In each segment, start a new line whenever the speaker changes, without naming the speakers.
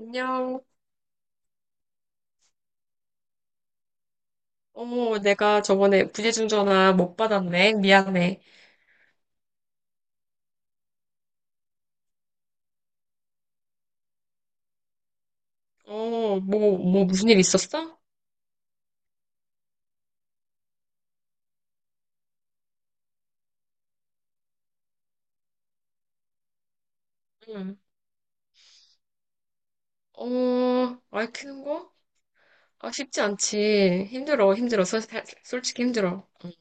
안녕. 내가 저번에 부재중 전화 못 받았네. 미안해. 무슨 일 있었어? 응. 어, 아이 크는 거? 아, 쉽지 않지. 힘들어, 힘들어. 솔직히 힘들어. 응.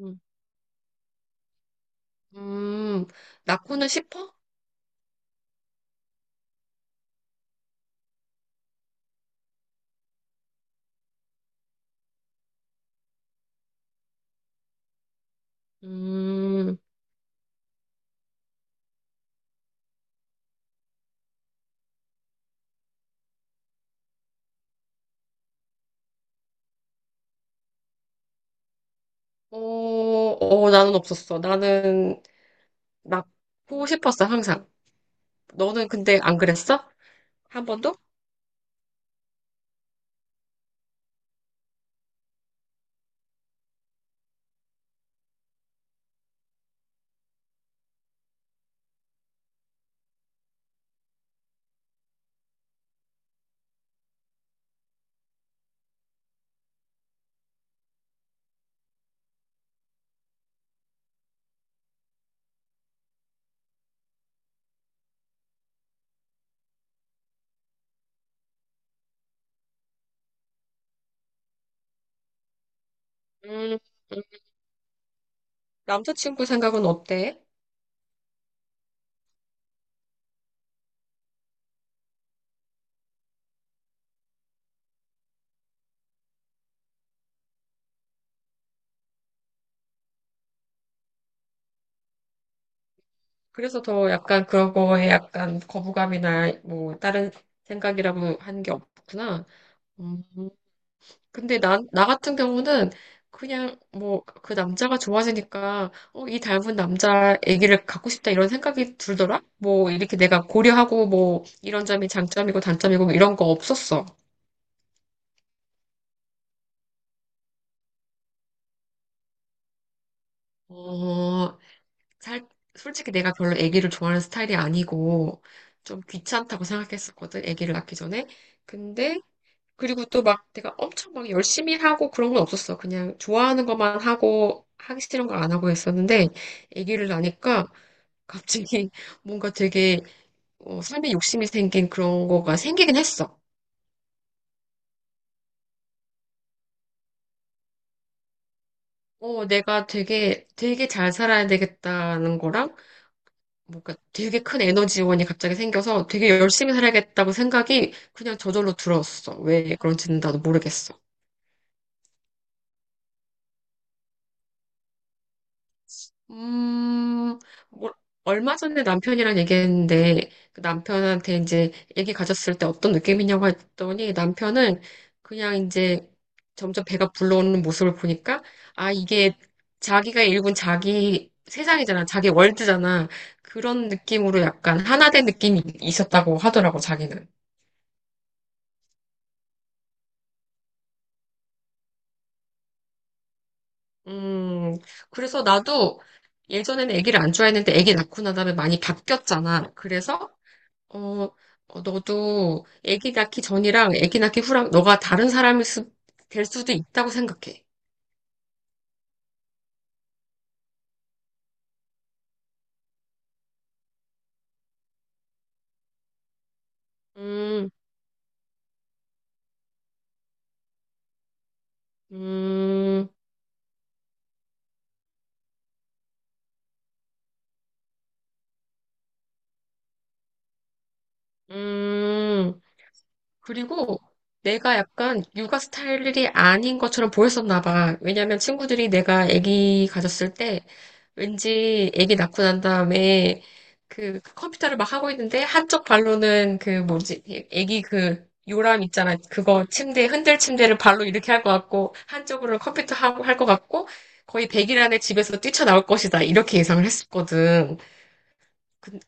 응. 음, 낳고는 싶어? 음, 나는 없었어. 나는 낳고 싶었어, 항상. 너는 근데 안 그랬어? 한 번도? 음. 음. 남자친구 생각은 어때? 그래서 더 약간 그거에 약간 거부감이나 뭐 다른 생각이라고 한 게 없구나. 음, 근데 나, 나 같은 경우는 그냥 뭐 그 남자가 좋아지니까 이 닮은 남자 애기를 갖고 싶다 이런 생각이 들더라? 뭐 이렇게 내가 고려하고 뭐 이런 점이 장점이고 단점이고 뭐 이런 거 없었어. 어, 살, 솔직히 내가 별로 애기를 좋아하는 스타일이 아니고 좀 귀찮다고 생각했었거든, 애기를 낳기 전에. 근데 그리고 또 막 내가 엄청 막 열심히 하고 그런 건 없었어. 그냥 좋아하는 것만 하고 하기 싫은 거 안 하고 했었는데 아기를 낳으니까 갑자기 뭔가 되게 삶에 욕심이 생긴 그런 거가 생기긴 했어. 내가 되게 되게 잘 살아야 되겠다는 거랑 뭔가 되게 큰 에너지원이 갑자기 생겨서 되게 열심히 살아야겠다고 생각이 그냥 저절로 들었어. 왜 그런지는 나도 모르겠어. 음, 뭐, 얼마 전에 남편이랑 얘기했는데, 그 남편한테 이제 얘기 가졌을 때 어떤 느낌이냐고 했더니, 남편은 그냥 이제 점점 배가 불러오는 모습을 보니까, 아, 이게 자기가 일군 자기 세상이잖아. 자기 월드잖아. 그런 느낌으로 약간 하나 된 느낌이 있었다고 하더라고, 자기는. 음, 그래서 나도 예전에는 아기를 안 좋아했는데 아기 낳고 나다음에 많이 바뀌었잖아. 그래서 어, 너도 아기 낳기 전이랑 아기 낳기 후랑 너가 다른 사람일 수, 될 수도 있다고 생각해. 음. 음. 음. 그리고 내가 약간 육아 스타일이 아닌 것처럼 보였었나 봐. 왜냐면 친구들이 내가 아기 가졌을 때 왠지 아기 낳고 난 다음에 그 컴퓨터를 막 하고 있는데 한쪽 발로는 그 뭐지? 아기 그 요람 있잖아. 그거 침대 흔들 침대를 발로 이렇게 할 것 같고 한쪽으로는 컴퓨터 하고 할 것 같고 거의 100일 안에 집에서 뛰쳐나올 것이다. 이렇게 예상을 했었거든.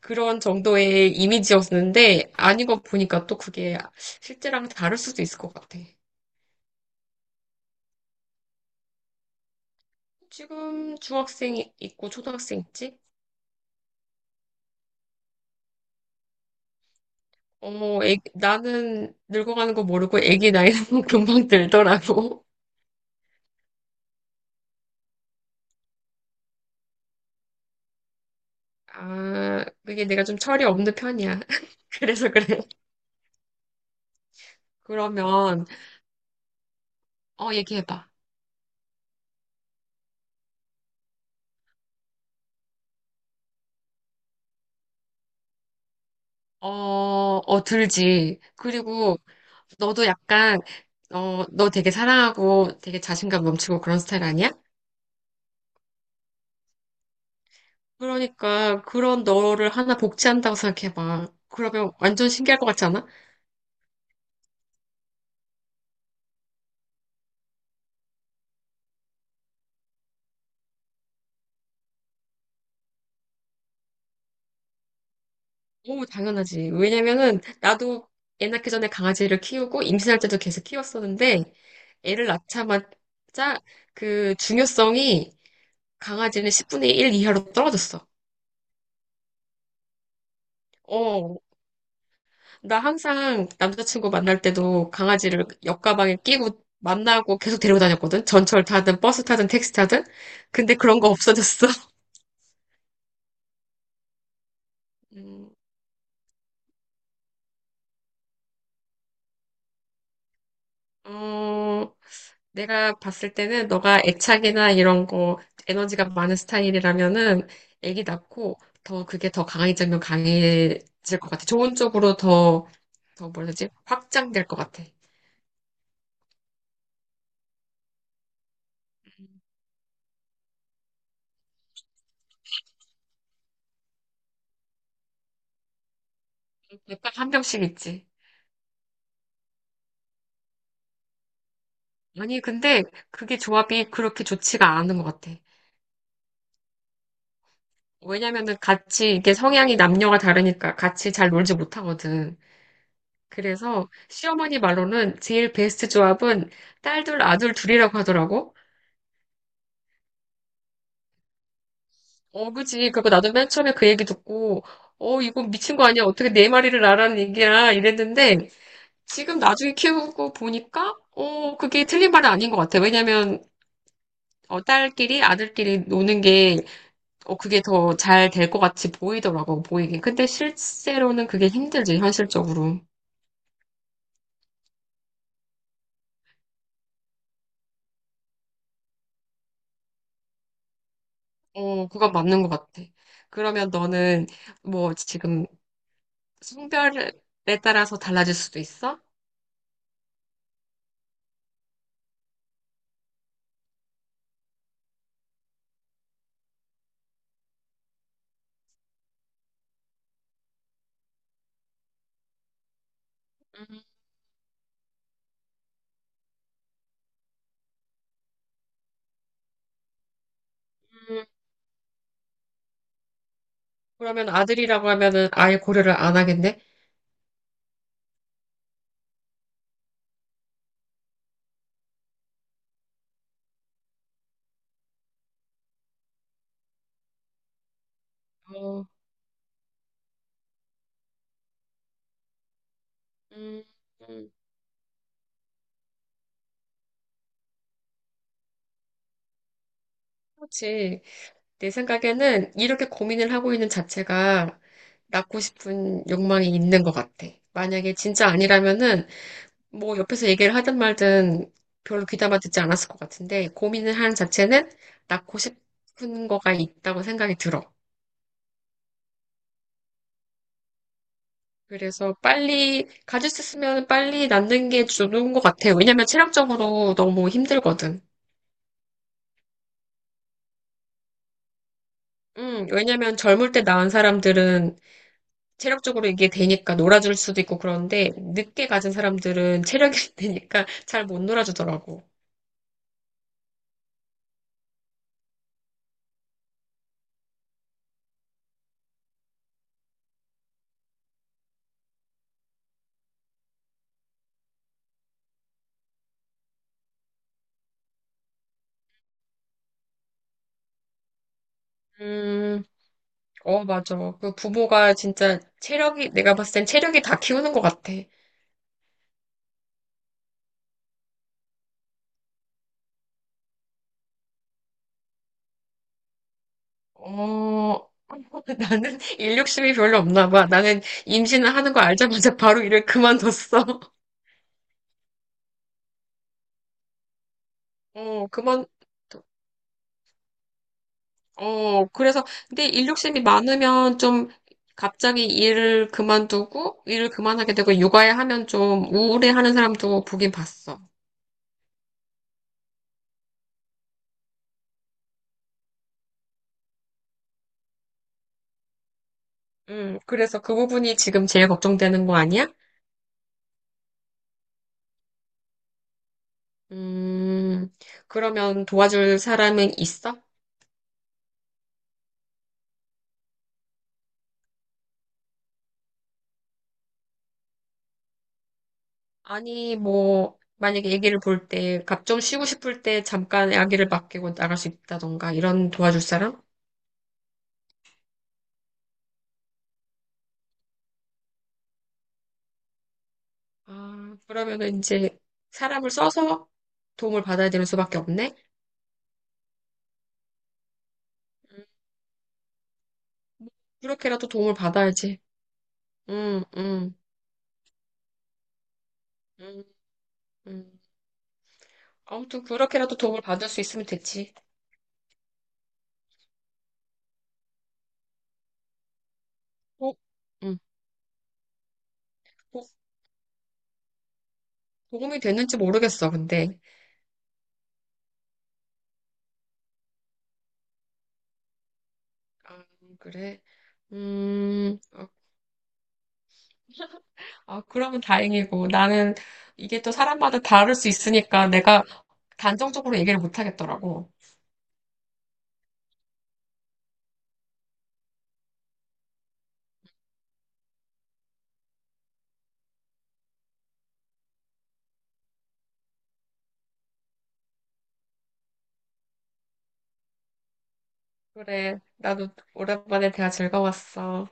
그, 런 정도의 이미지였는데 아닌 거 보니까 또 그게 실제랑 다를 수도 있을 것 같아. 지금 중학생 있고 초등학생 있지? 어머, 나는 늙어가는 거 모르고 애기 나이는 금방 들더라고. 아, 그게 내가 좀 철이 없는 편이야. 그래서 그래. 그러면, 어, 얘기해봐. 어, 들지. 그리고 너도 약간, 어, 너 되게 사랑하고 되게 자신감 넘치고 그런 스타일 아니야? 그러니까 그런 너를 하나 복제한다고 생각해봐. 그러면 완전 신기할 것 같지 않아? 오, 당연하지. 왜냐면은 나도 애 낳기 전에 강아지를 키우고 임신할 때도 계속 키웠었는데 애를 낳자마자 그 중요성이 강아지는 10분의 1 이하로 떨어졌어. 어, 나 항상 남자친구 만날 때도 강아지를 옆가방에 끼고 만나고 계속 데리고 다녔거든. 전철 타든 버스 타든 택시 타든. 근데 그런 거 없어졌어. 음, 어, 내가 봤을 때는 너가 애착이나 이런 거 에너지가 많은 스타일이라면은 애기 낳고 더 그게 더 강해지면 강해질 것 같아. 좋은 쪽으로 더, 더 뭐라 지 확장될 것 같아. 약간 한 병씩 있지. 아니, 근데 그게 조합이 그렇게 좋지가 않은 것 같아. 왜냐면은 같이 이게 성향이 남녀가 다르니까 같이 잘 놀지 못하거든. 그래서 시어머니 말로는 제일 베스트 조합은 딸 둘, 아들 둘이라고 하더라고. 어, 그지. 그거 나도 맨 처음에 그 얘기 듣고, 어, 이거 미친 거 아니야? 어떻게 네 마리를 나라는 얘기야? 이랬는데, 지금 나중에 키우고 보니까, 그게 틀린 말은 아닌 것 같아. 왜냐면, 딸끼리, 아들끼리 노는 게, 그게 더 잘 될 것 같이 보이더라고, 보이긴. 근데 실제로는 그게 힘들지, 현실적으로. 어, 그건 맞는 것 같아. 그러면 너는, 뭐, 지금 성별에 따라서 달라질 수도 있어? 음, 그러면 아들이라고 하면은 아예 고려를 안 하겠네? 어, 음, 음, 그렇지. 내 생각에는 이렇게 고민을 하고 있는 자체가 낳고 싶은 욕망이 있는 것 같아. 만약에 진짜 아니라면은 뭐 옆에서 얘기를 하든 말든 별로 귀담아 듣지 않았을 것 같은데 고민을 하는 자체는 낳고 싶은 거가 있다고 생각이 들어. 그래서 빨리 가질 수 있으면 빨리 낳는 게 좋은 것 같아요. 왜냐면 체력적으로 너무 힘들거든. 왜냐면 젊을 때 낳은 사람들은 체력적으로 이게 되니까 놀아줄 수도 있고 그런데 늦게 가진 사람들은 체력이 되니까 잘 못 놀아주더라고. 음, 맞아. 그 부모가 진짜 체력이, 내가 봤을 땐 체력이 다 키우는 것 같아. 어, 나는 일 욕심이 별로 없나 봐. 나는 임신을 하는 거 알자마자 바로 일을 그만뒀어. 어, 그만, 그래서, 근데 일욕심이 많으면 좀 갑자기 일을 그만두고, 일을 그만하게 되고, 육아에 하면 좀 우울해하는 사람도 보긴 봤어. 그래서 그 부분이 지금 제일 걱정되는 거 아니야? 음, 그러면 도와줄 사람은 있어? 아니, 뭐, 만약에 아기를 볼 때, 갑 좀 쉬고 싶을 때 잠깐 아기를 맡기고 나갈 수 있다던가, 이런 도와줄 사람? 아, 그러면은 이제 사람을 써서 도움을 받아야 되는 수밖에 없네? 그렇게라도 도움을 받아야지. 응, 응, 응, 응. 아무튼 그렇게라도 도움을 받을 수 있으면 됐지. 어? 응. 도, 도움이 됐는지 모르겠어, 근데. 아, 그래. 어, 아, 그러면 다행이고. 나는 이게 또 사람마다 다를 수 있으니까 내가 단정적으로 얘기를 못 하겠더라고. 그래. 나도 오랜만에 대화 즐거웠어.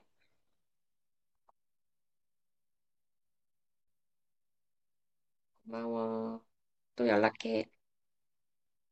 고마워. 또 연락해.